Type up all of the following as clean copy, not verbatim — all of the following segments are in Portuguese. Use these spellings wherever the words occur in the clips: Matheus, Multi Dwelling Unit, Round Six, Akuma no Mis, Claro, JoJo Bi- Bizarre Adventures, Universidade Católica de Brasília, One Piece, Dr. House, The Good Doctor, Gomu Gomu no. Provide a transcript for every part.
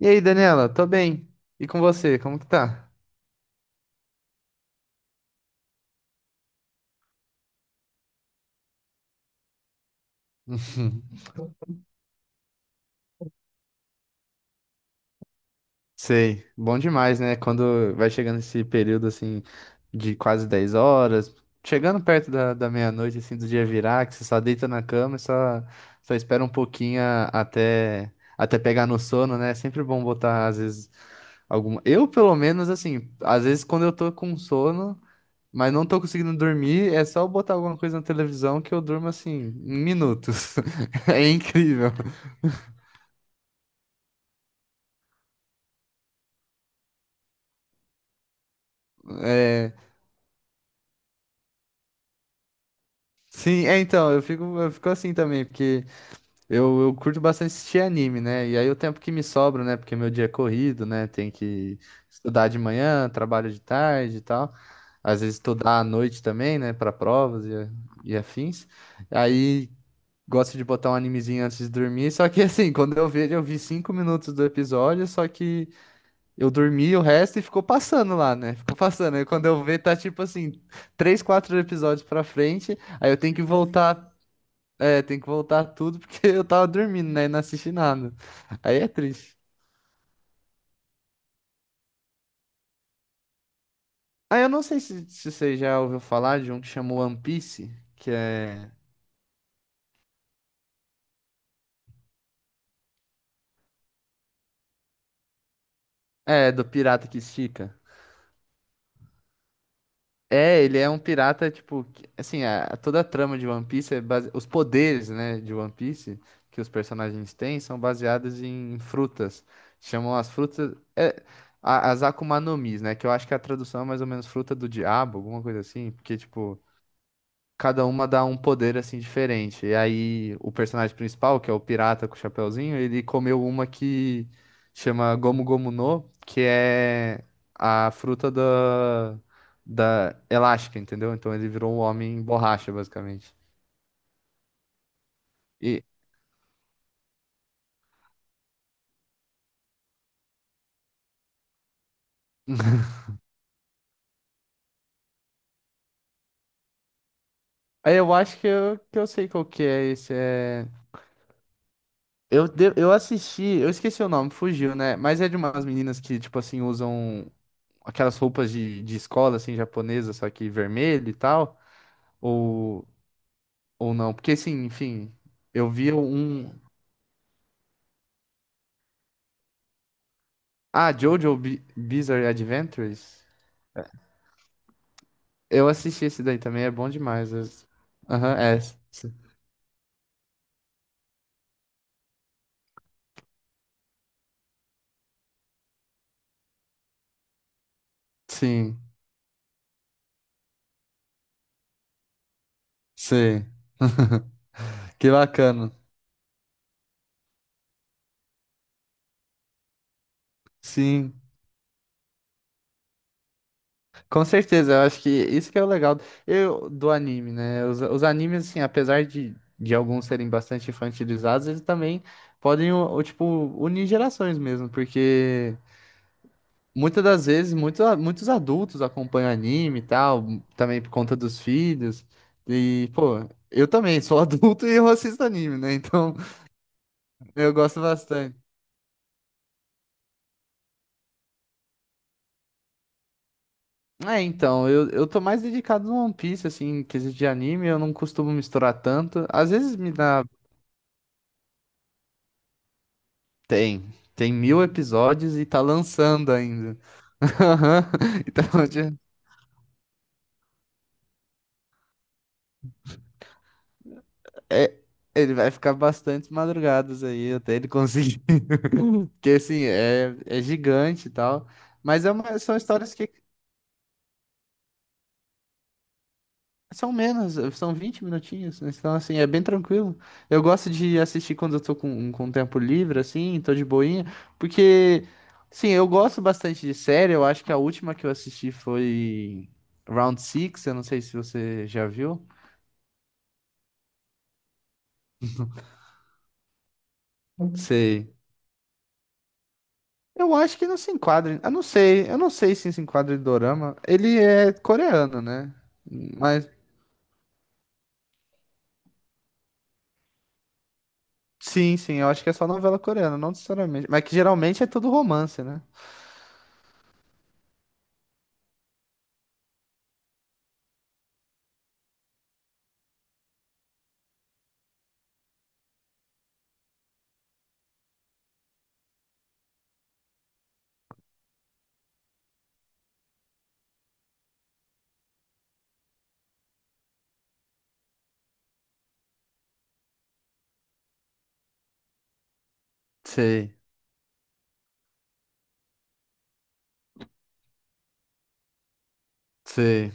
E aí, Daniela, tô bem. E com você, como que tá? Sei, bom demais, né? Quando vai chegando esse período assim de quase 10 horas, chegando perto da meia-noite, assim, do dia virar, que você só deita na cama e só, só espera um pouquinho até, até pegar no sono, né? É sempre bom botar, às vezes, alguma. Eu, pelo menos, assim, às vezes quando eu tô com sono, mas não tô conseguindo dormir, é só eu botar alguma coisa na televisão que eu durmo assim, em minutos. É incrível. É, sim, então, eu fico assim também, porque eu curto bastante assistir anime, né? E aí o tempo que me sobra, né? Porque meu dia é corrido, né? Tem que estudar de manhã, trabalho de tarde e tal. Às vezes estudar à noite também, né? Para provas e afins. Aí gosto de botar um animezinho antes de dormir, só que assim, quando eu vejo, eu vi cinco minutos do episódio, só que. Eu dormi o resto e ficou passando lá, né? Ficou passando. Aí quando eu ver, tá tipo assim, três, quatro episódios pra frente. Aí eu tenho que voltar. É, tenho que voltar tudo porque eu tava dormindo, né? E não assisti nada. Aí é triste. Aí eu não sei se, se você já ouviu falar de um que chamou One Piece, que é. É, do pirata que estica. É, ele é um pirata, tipo, assim, toda a trama de One Piece é base... os poderes, né, de One Piece que os personagens têm são baseados em frutas. Chamam as frutas as Akuma no Mis, né, que eu acho que a tradução é mais ou menos fruta do diabo, alguma coisa assim, porque tipo cada uma dá um poder assim diferente. E aí o personagem principal, que é o pirata com o chapeuzinho, ele comeu uma que chama Gomu Gomu no, que é a fruta da elástica, entendeu? Então ele virou um homem borracha, basicamente. E aí eu acho que eu sei qual que é esse é eu assisti, eu esqueci o nome, fugiu, né? Mas é de umas meninas que, tipo assim, usam aquelas roupas de escola, assim, japonesa, só que vermelho e tal. Ou Ou não? Porque, assim, enfim, eu vi um. Ah, JoJo Bizarre Adventures? Eu assisti esse daí também, é bom demais. Aham, é. Sim, sim. Que bacana. Sim, com certeza. Eu acho que isso que é o legal do anime, né? Os animes, assim, apesar de alguns serem bastante infantilizados, eles também podem, tipo, unir gerações mesmo, porque. Muitas das vezes, muitos adultos acompanham anime e tal, também por conta dos filhos. E, pô, eu também sou adulto e eu assisto anime, né? Então, eu gosto bastante. É, então, eu tô mais dedicado no One Piece, assim, em quesito de anime, eu não costumo misturar tanto. Às vezes me dá. Tem, tem mil episódios e tá lançando ainda. Então, já- é, ele vai ficar bastante madrugadas aí até ele conseguir. Que assim, é gigante e tal. Mas é uma- são histórias que são menos, são 20 minutinhos. Né? Então, assim, é bem tranquilo. Eu gosto de assistir quando eu tô com, com tempo livre, assim, tô de boinha. Porque, sim, eu gosto bastante de série. Eu acho que a última que eu assisti foi Round Six. Eu não sei se você já viu. Uhum. Sei. Eu acho que não se enquadra. Eu não sei. Eu não sei se se enquadra em dorama. Ele é coreano, né? Sim, sim, eu acho que é só novela coreana, não necessariamente. Mas que geralmente é tudo romance, né? Sei, sei,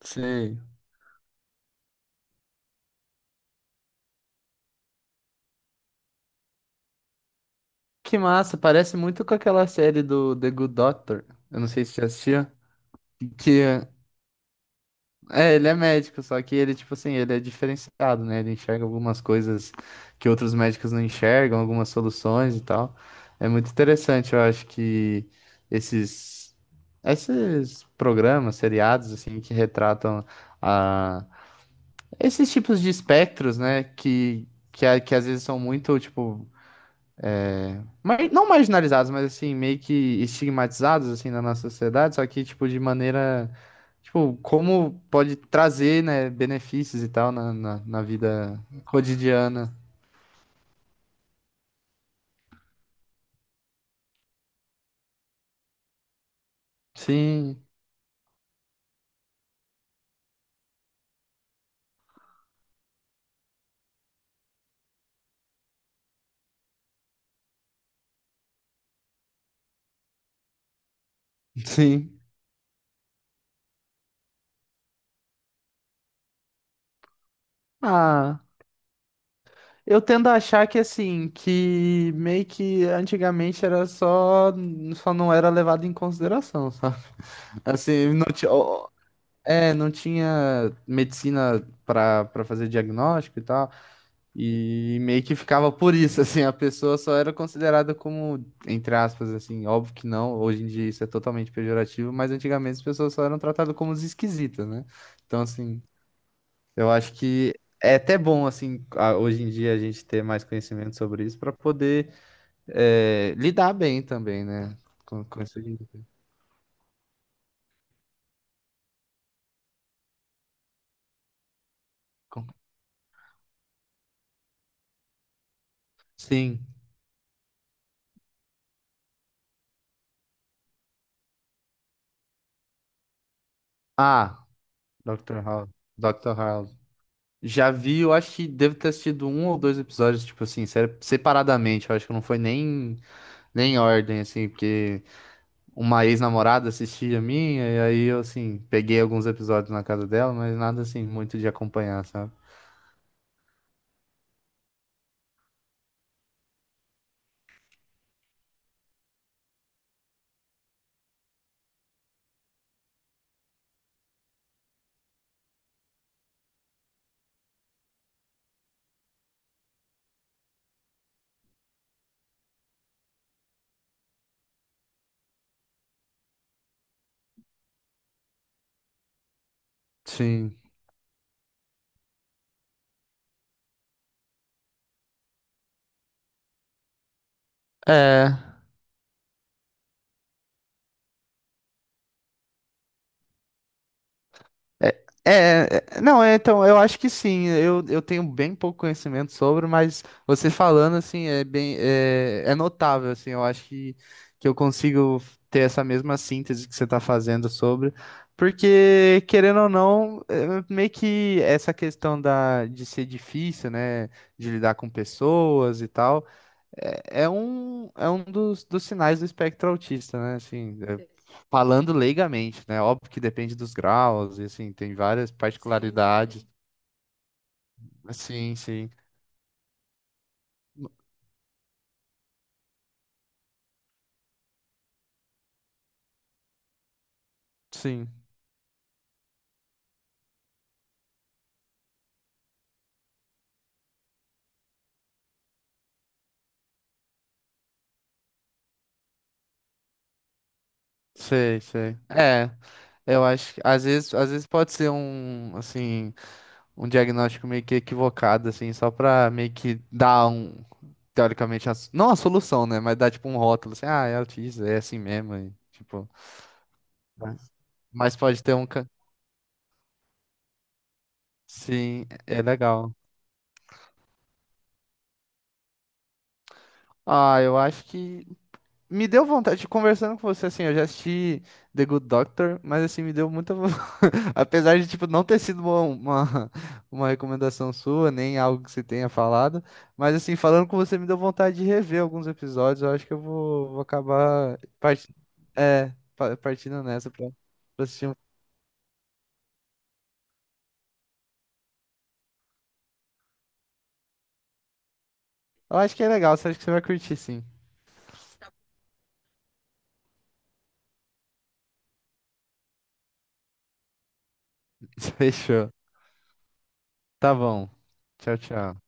sei. Que massa, parece muito com aquela série do The Good Doctor. Eu não sei se você assistiu. Que é, ele é médico, só que ele, tipo assim, ele é diferenciado, né? Ele enxerga algumas coisas que outros médicos não enxergam, algumas soluções e tal. É muito interessante, eu acho que esses, esses programas, seriados, assim, que retratam a Esses tipos de espectros, né, que às vezes são muito, tipo, não marginalizados, mas assim, meio que estigmatizados, assim, na nossa sociedade, só que, tipo, de maneira, tipo, como pode trazer, né, benefícios e tal na vida cotidiana. Sim, sim. Ah, eu tendo a achar que, assim, que meio que antigamente era só, só não era levado em consideração, sabe? Assim, não tinha, É, não tinha medicina pra para fazer diagnóstico e tal, e meio que ficava por isso, assim, a pessoa só era considerada como, entre aspas, assim, óbvio que não, hoje em dia isso é totalmente pejorativo, mas antigamente as pessoas só eram tratadas como os esquisitas, né? Então, assim, eu acho que é até bom, assim, hoje em dia a gente ter mais conhecimento sobre isso pra poder é, lidar bem também, né? Com isso. Com- Sim. Ah, Dr. House. Dr. House. Já vi, eu acho que devo ter assistido um ou dois episódios, tipo assim, sério, separadamente. Eu acho que não foi nem, nem em ordem, assim, porque uma ex-namorada assistia a minha, e aí eu, assim, peguei alguns episódios na casa dela, mas nada, assim, muito de acompanhar, sabe? Sim. É. É, é, é- não, é, então, eu acho que sim. Eu tenho bem pouco conhecimento sobre, mas você falando, assim, é notável, assim, eu acho que eu consigo ter essa mesma síntese que você está fazendo sobre, porque, querendo ou não, é, meio que essa questão de ser difícil, né, de lidar com pessoas e tal, é um dos sinais do espectro autista, né? Assim, é, falando leigamente, né? Óbvio que depende dos graus, e assim, tem várias Sim, particularidades. Sim. Sim, sim. Sim, sei, sei. É, eu acho que às vezes pode ser um, assim, um diagnóstico meio que equivocado, assim, só pra meio que dar um, teoricamente, a não a solução, né? Mas dar tipo um rótulo, assim, ah, é autista, é assim mesmo, e, tipo. Né? Mas pode ter um. Sim, é legal. Ah, eu acho que me deu vontade, conversando com você, assim, eu já assisti The Good Doctor, mas assim, me deu muita apesar de, tipo, não ter sido uma, uma recomendação sua, nem algo que você tenha falado, mas assim, falando com você, me deu vontade de rever alguns episódios, eu acho que vou acabar é, partindo nessa pra assistir um... Eu acho que é legal, eu acho que você vai curtir, sim. Fechou. Tá bom. Tchau, tchau.